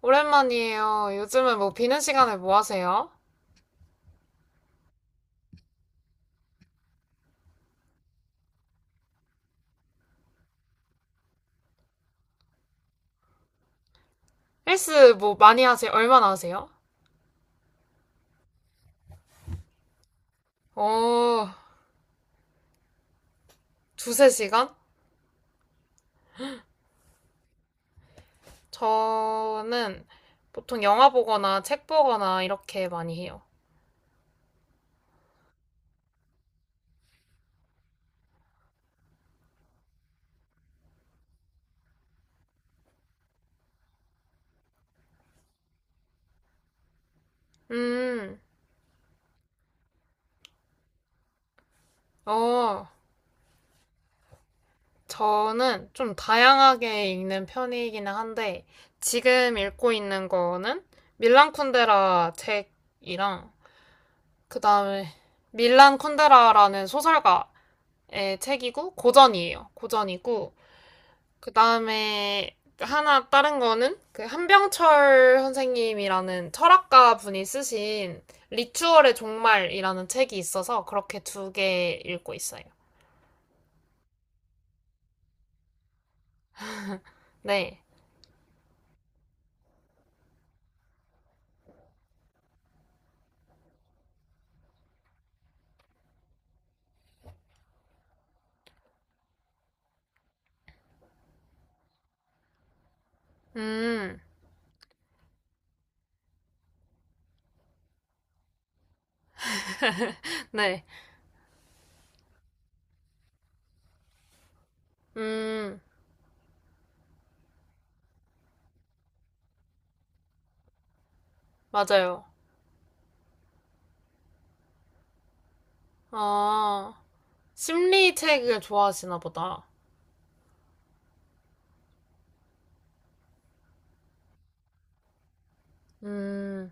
오랜만이에요. 요즘은 뭐 비는 시간에 뭐 하세요? 헬스 뭐 많이 하세요? 얼마나 하세요? 어, 두세 시간? 저는 보통 영화 보거나 책 보거나 이렇게 많이 해요. 음, 어, 저는 좀 다양하게 읽는 편이기는 한데, 지금 읽고 있는 거는 밀란 쿤데라 책이랑, 그 다음에 밀란 쿤데라라는 소설가의 책이고, 고전이에요. 고전이고, 그 다음에 하나 다른 거는 그 한병철 선생님이라는 철학가 분이 쓰신 리추얼의 종말이라는 책이 있어서 그렇게 두 개 읽고 있어요. 네. 음. 네. 음. 맞아요. 아, 심리 책을 좋아하시나 보다. 음.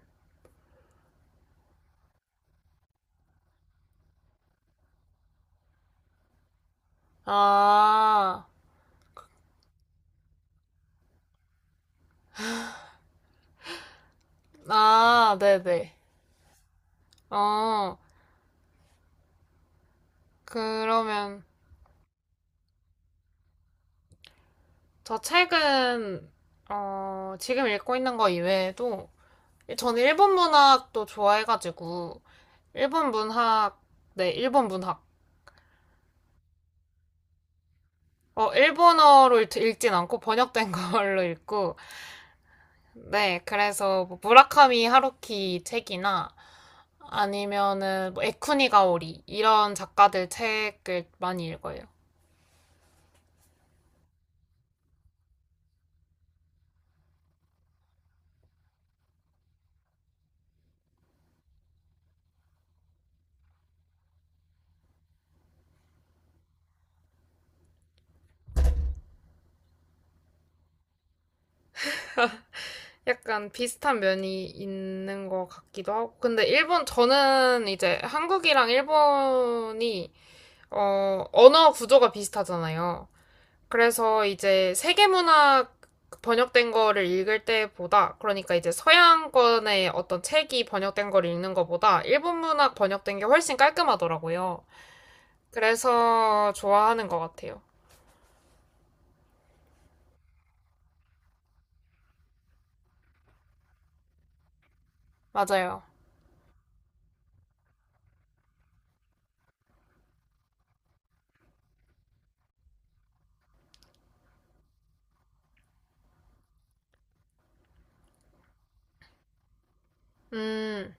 아. 아, 네네. 어, 그러면 저 책은, 지금 읽고 있는 거 이외에도 전 일본 문학도 좋아해가지고, 일본 문학, 네, 일본 문학. 어, 일본어로 읽- 진 않고 번역된 걸로 읽고, 네, 그래서 뭐 무라카미 하루키 책이나 아니면은 뭐 에쿠니가오리 이런 작가들 책을 많이 읽어요. 약간 비슷한 면이 있는 것 같기도 하고. 근데 일본, 저는 이제 한국이랑 일본이, 언어 구조가 비슷하잖아요. 그래서 이제 세계문학 번역된 거를 읽을 때보다, 그러니까 이제 서양권의 어떤 책이 번역된 걸 읽는 거보다 일본 문학 번역된 게 훨씬 깔끔하더라고요. 그래서 좋아하는 것 같아요. 맞아요. 음.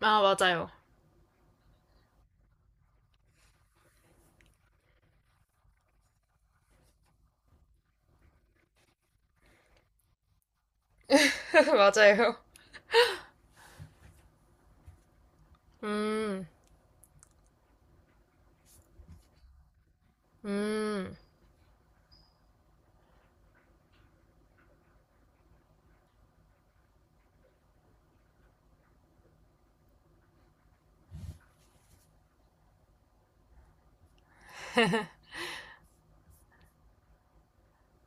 아, 맞아요. 맞아요. 음. 음.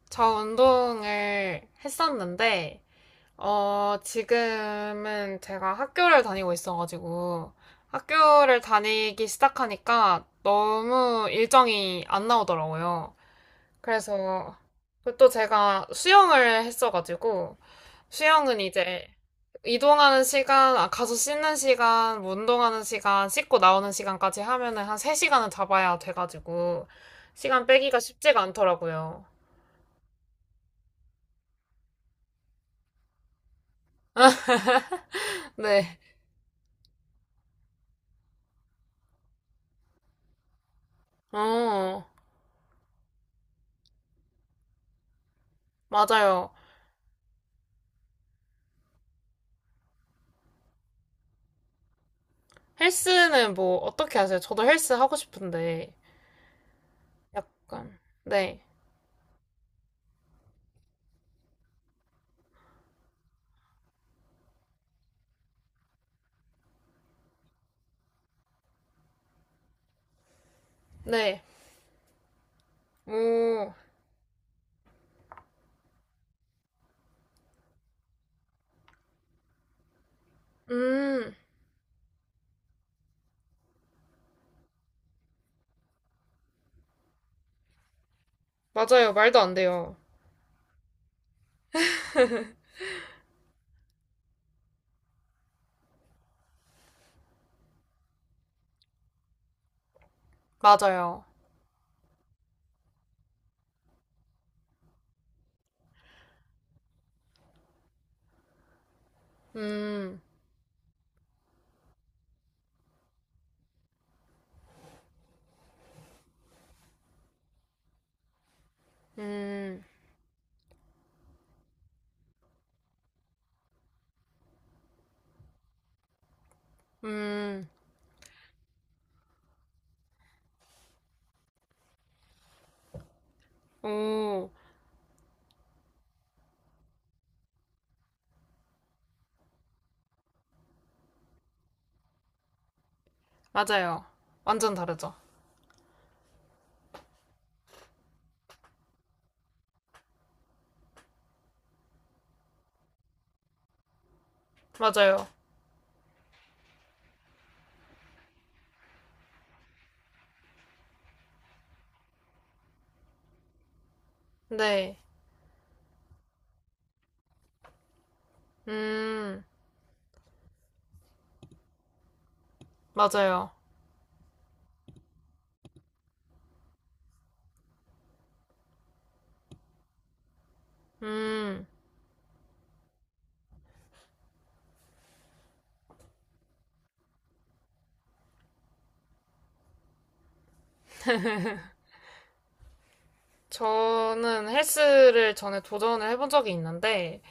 저 운동을 했었는데, 지금은 제가 학교를 다니고 있어가지고, 학교를 다니기 시작하니까 너무 일정이 안 나오더라고요. 그래서, 그리고 또 제가 수영을 했어가지고, 수영은 이제 이동하는 시간, 아, 가서 씻는 시간, 뭐 운동하는 시간, 씻고 나오는 시간까지 하면은 한 3시간은 잡아야 돼가지고, 시간 빼기가 쉽지가 않더라고요. 네. 어, 맞아요. 헬스는 뭐 어떻게 하세요? 저도 헬스 하고 싶은데 약간 네. 네. 오. 음. 맞아요. 말도 안 돼요. 맞아요. 음. 음. 음. 오. 맞아요. 완전 다르죠. 맞아요. 네. 음. 맞아요. 음. 저는 헬스를 전에 도전을 해본 적이 있는데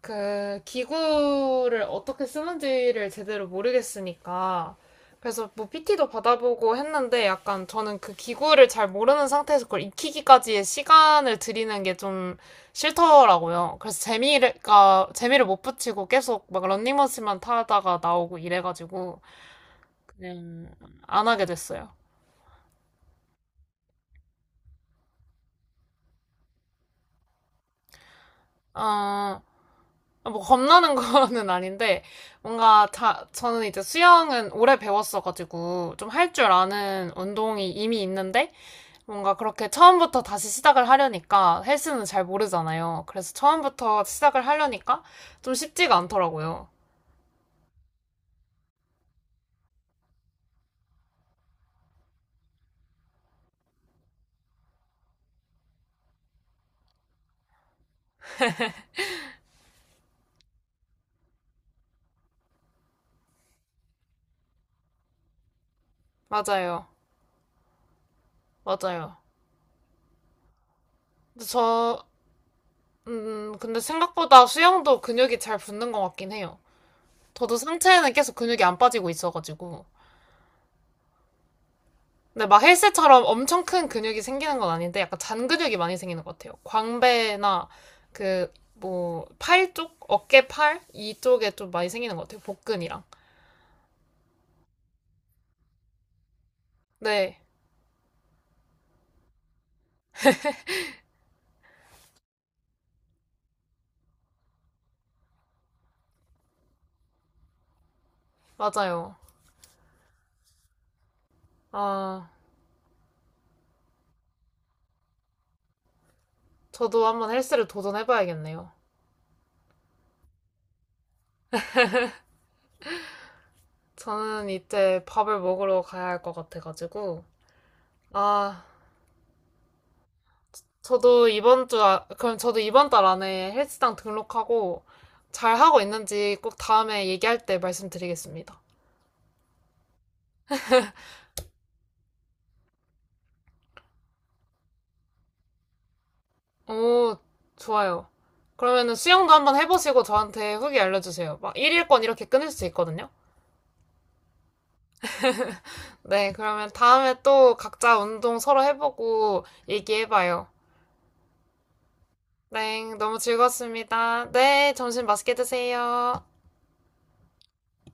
그 기구를 어떻게 쓰는지를 제대로 모르겠으니까 그래서 뭐 PT도 받아보고 했는데 약간 저는 그 기구를 잘 모르는 상태에서 그걸 익히기까지의 시간을 들이는 게 좀 싫더라고요. 그래서 재미가 재미를 못 붙이고 계속 막 런닝머신만 타다가 나오고 이래가지고 그냥 안 하게 됐어요. 어, 아, 뭐 겁나는 거는 아닌데 뭔가 자, 저는 이제 수영은 오래 배웠어가지고 좀 할 줄 아는 운동이 이미 있는데 뭔가 그렇게 처음부터 다시 시작을 하려니까 헬스는 잘 모르잖아요. 그래서 처음부터 시작을 하려니까 좀 쉽지가 않더라고요. 맞아요. 맞아요. 근데 저, 근데 생각보다 수영도 근육이 잘 붙는 것 같긴 해요. 저도 상체에는 계속 근육이 안 빠지고 있어가지고. 근데 막 헬스처럼 엄청 큰 근육이 생기는 건 아닌데 약간 잔 근육이 많이 생기는 것 같아요. 광배나 그 뭐 팔 쪽, 어깨 팔 이쪽에 좀 많이 생기는 것 같아요. 복근이랑. 네, 맞아요. 아, 저도 한번 헬스를 도전해봐야겠네요. 저는 이제 밥을 먹으러 가야 할 것 같아가지고 아, 저도 이번 주 아- 그럼 저도 이번 달 안에 헬스장 등록하고 잘 하고 있는지 꼭 다음에 얘기할 때 말씀드리겠습니다. 오, 좋아요. 그러면은 수영도 한번 해보시고 저한테 후기 알려주세요. 막 1일권 이렇게 끊을 수 있거든요. 네, 그러면 다음에 또 각자 운동 서로 해보고 얘기해봐요. 네, 너무 즐거웠습니다. 네, 점심 맛있게 드세요.